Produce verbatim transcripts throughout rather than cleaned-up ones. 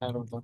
حلو ده.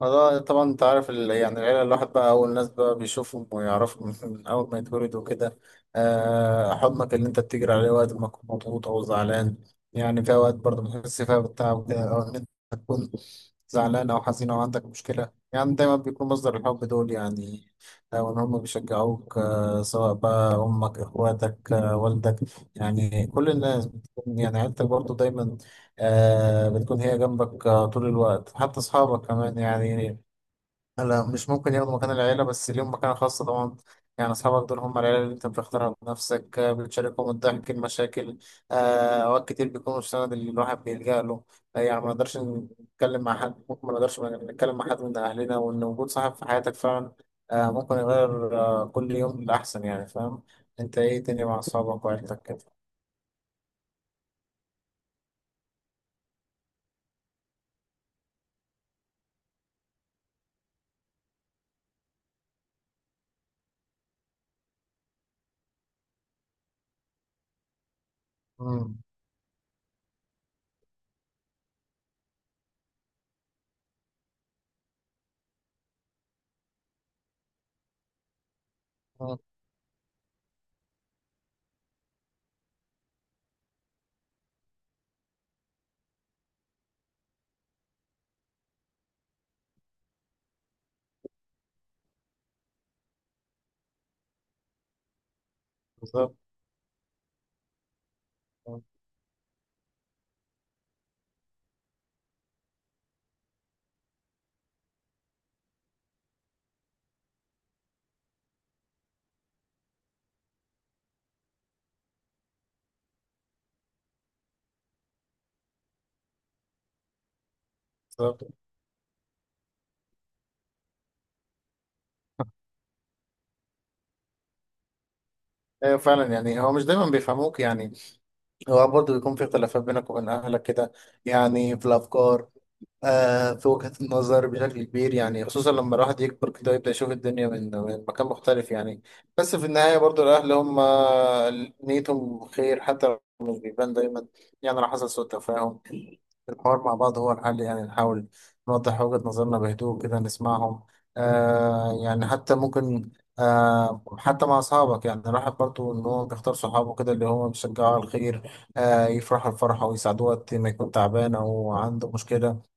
فده طبعا انت عارف ال- يعني العيلة، الواحد بقى أول ناس بقى بيشوفهم ويعرفهم من من أول ما يتولدوا كده. آه، حضنك اللي أنت بتجري عليه وقت ما تكون مضغوط أو زعلان. يعني في أوقات برضه بتحس فيها بالتعب كده، أو إن أنت تكون زعلان أو حزين أو عندك مشكلة، يعني دايما بيكون مصدر الحب دول يعني. أو إن هم بيشجعوك، آه، سواء بقى أمك إخواتك، آه، والدك. يعني كل الناس بتكون- يعني عيلتك برضه دايما آه بتكون هي جنبك، آه، طول الوقت. حتى أصحابك كمان يعني، لا مش ممكن ياخدوا مكان العيلة، بس ليهم مكانة خاصة طبعا. يعني أصحابك دول هم العيلة اللي أنت بتختارها بنفسك، آه، بتشاركهم الضحك المشاكل. آه، أوقات كتير بيكونوا السند اللي الواحد بيلجأ له. آه، يعني ما نقدرش نتكلم مع حد، ممكن ما نقدرش نتكلم مع حد من أهلنا، وإن وجود صاحب في حياتك فعلا آه، ممكن يغير آه، كل يوم للأحسن. يعني فاهم؟ أنت إيه تاني مع أصحابك وعيلتك كده؟ مم. مم. بالظبط. بالظبط. ايوه فعلا، يعني هو مش دايما بيفهموك يعني. هو برضه بيكون في اختلافات بينك وبين اهلك كده، يعني في الافكار، آه في وجهة النظر بشكل كبير، يعني خصوصا لما الواحد يكبر كده يبدأ يشوف الدنيا من من مكان مختلف يعني. بس في النهاية برضه الاهل هم نيتهم خير حتى لو مش بيبان دايما. يعني لو حصل سوء تفاهم، الحوار مع بعض هو الحل. يعني نحاول نوضح وجهة نظرنا بهدوء كده، نسمعهم. آه يعني حتى ممكن آه حتى مع أصحابك، يعني الواحد برضه إن هو بيختار صحابه كده اللي هم بيشجعوا على الخير، آه يفرحوا الفرحة ويساعدوه وقت ما يكون تعبان أو عنده مشكلة.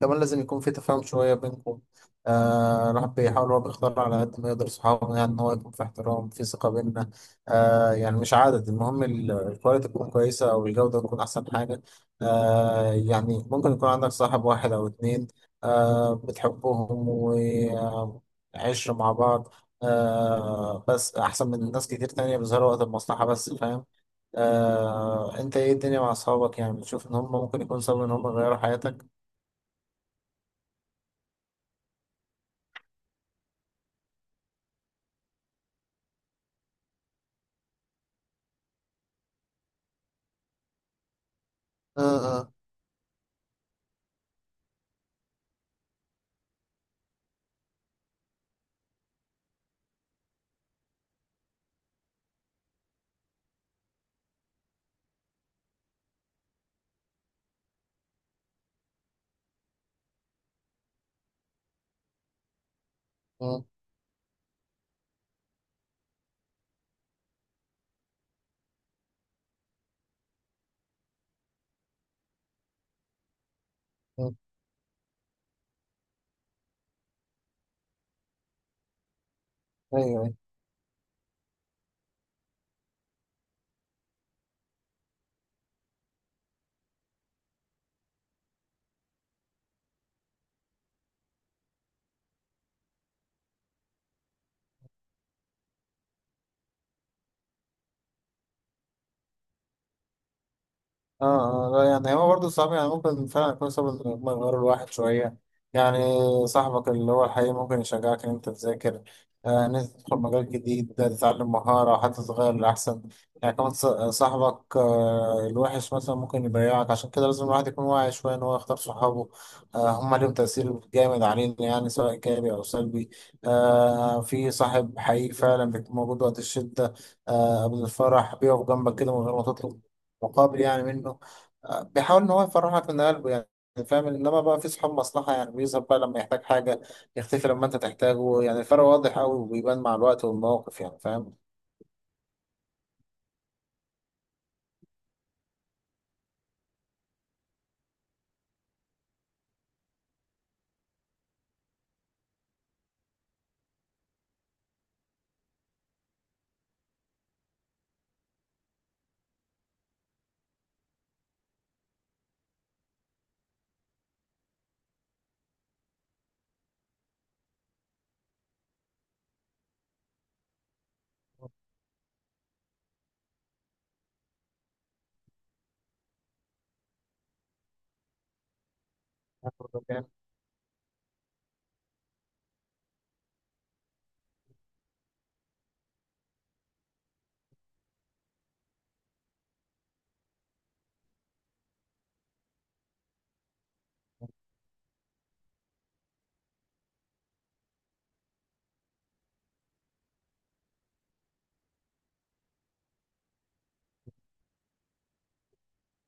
كمان لازم يكون في تفاهم شوية بينكم. آه الواحد بيحاول، هو بيختار على قد ما يقدر صحابه، يعني إن هو يكون في احترام، في ثقة بيننا. آه يعني مش عدد المهم، ال- الكواليتي تكون كويسة أو الجودة تكون أحسن حاجة. آه يعني ممكن يكون عندك صاحب واحد أو اتنين آه بتحبهم وعشرة مع بعض، آه بس أحسن من ناس كتير تانية بيظهروا وقت المصلحة بس. فاهم؟ آه انت ايه الدنيا مع اصحابك؟ يعني بتشوف ان هم ممكن يكون سبب ان هم يغيروا حياتك؟ اه. مم. مم. ايوه. أيوه. اه. آه، لا، يعني هو برضه صعب. يعني ممكن فعلا يكون سبب إن هما يغيروا الواحد شوية. يعني صاحبك اللي هو الحقيقي ممكن يشجعك إن أنت تذاكر، آه، إن أنت تدخل مجال جديد، آه، تتعلم مهارة حتى تتغير لأحسن. يعني كمان ص- صاحبك آه، الوحش مثلا ممكن يضيعك. عشان كده لازم الواحد يكون واعي شوية إن هو يختار صحابه. آه، هما ليهم تأثير جامد علينا يعني، سواء إيجابي أو سلبي. آه، في صاحب حقيقي فعلا بيكون موجود وقت الشدة، آه، قبل الفرح بيقف جنبك كده من غير ما تطلب مقابل يعني منه. آه، بيحاول ان هو يفرحك من قلبه يعني. فاهم؟ انما بقى في صحاب مصلحه، يعني بيظهر بقى لما يحتاج حاجه، يختفي لما انت تحتاجه. يعني الفرق واضح قوي وبيبان مع الوقت والمواقف يعني. فاهم؟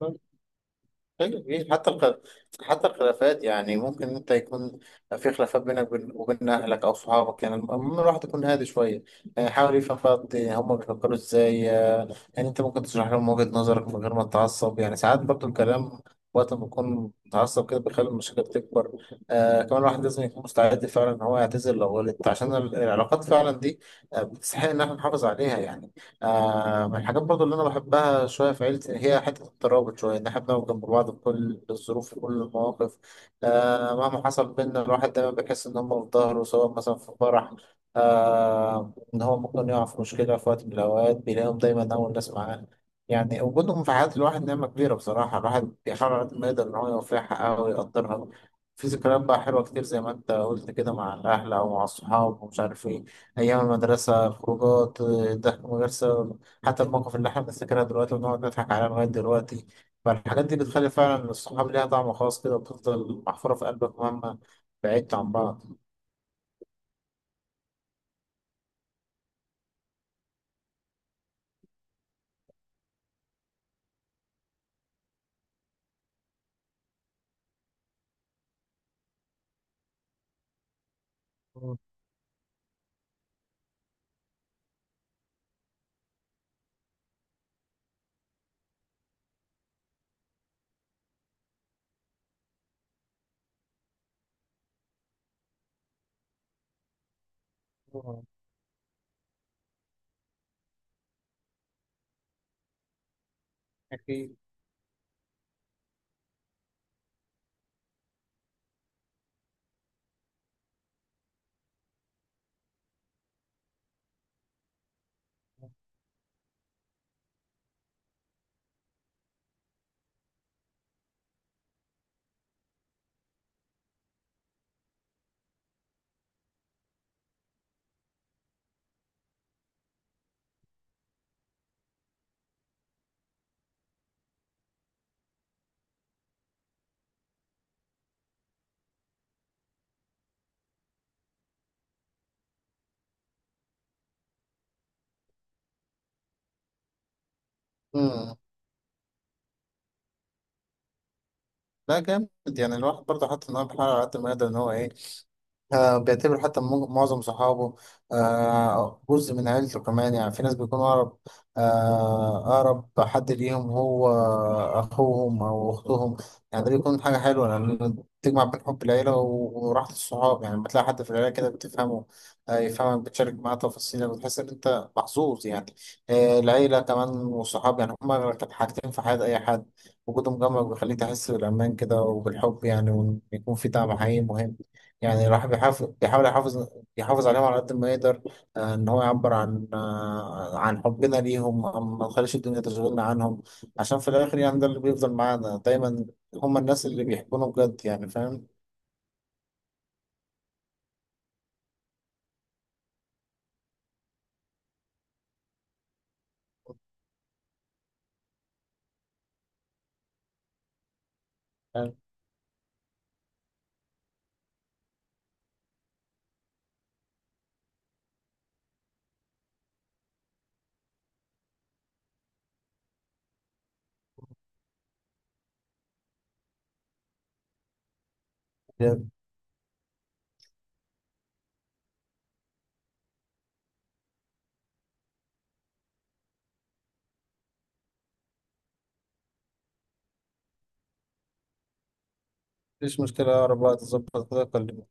بس حلو. إيه، حتى الخ... حتى الخلافات، يعني ممكن انت يكون في خلافات بينك وبين وبين اهلك او صحابك، يعني المهم الواحد يكون هادي شويه. يعني حاول يفهم بقى هم بيفكروا ازاي. آه، يعني انت ممكن تشرح لهم وجهه نظرك من غير ما تتعصب. يعني ساعات برضو الكلام وقت ما بكون متعصب كده بيخلي المشاكل تكبر. آه كمان الواحد لازم يكون مستعد فعلا ان هو يعتذر لو غلط، عشان ال- العلاقات فعلا دي آه، بتستحق ان احنا نحافظ عليها يعني. آه من الحاجات برضو اللي أنا بحبها شوية في عيلتي هي حتة الترابط شوية، إن إحنا بنقف جنب بعض في كل الظروف وكل المواقف. آه مهما حصل بينا، الواحد دايما بيحس إن هم في ظهره، سواء مثلا في فرح. آه إن هو ممكن يقع في مشكلة في وقت من الأوقات، بيلاقيهم دايما أول ناس معاه. يعني وجودهم في حياة الواحد نعمة كبيرة بصراحة. الواحد بيحاول على قد ما يقدر إن هو يوفيها حقها ويقدرها. في ذكريات بقى حلوة كتير زي ما أنت قلت كده مع الأهل أو مع الصحاب ومش عارف إيه. أيام المدرسة، الخروجات، الضحك، المدرسة، حتى المواقف اللي إحنا بنفتكرها دلوقتي ونقعد نضحك عليها لغاية دلوقتي. فالحاجات دي بتخلي فعلا الصحاب ليها طعم خاص كده، وبتفضل محفورة في قلبك مهما بعدت عن بعض. أكيد. مم. لا، جامد. يعني الواحد برضه حاطط إن هو بيحاول على قد ما يقدر إن هو إيه، آه، بيعتبر حتى مو- معظم صحابه آه، جزء من عيلته كمان. يعني في ناس بيكون أقرب، آه، أقرب حد ليهم هو أخوهم أو أختهم. يعني ده بيكون حاجة حلوة لأن تجمع بين حب العيلة و- وراحة الصحاب. يعني لما تلاقي حد في العيلة كده بتفهمه، آه، يفهمك، بتشارك معاه تفاصيلك، بتحس إن أنت محظوظ يعني. آه، العيلة كمان والصحاب يعني هما كانت حاجتين في حياة أي حد. وجودهم جنبك بيخليك تحس بالأمان كده وبالحب يعني، وإن يكون في دعم حقيقي مهم. يعني الواحد بيحافظ بيحاول يحافظ يحافظ عليهم على قد ما يقدر، آه، ان هو يعبر عن آه، عن حبنا ليهم، آه، ما نخليش الدنيا تشغلنا عنهم، عشان في الاخر يعني ده اللي بيفضل معانا دايما. هم الناس اللي بيحبونا بجد يعني. فاهم؟ يعني مفيش مشكلة، أقرب وقت تظبط كده كلمني.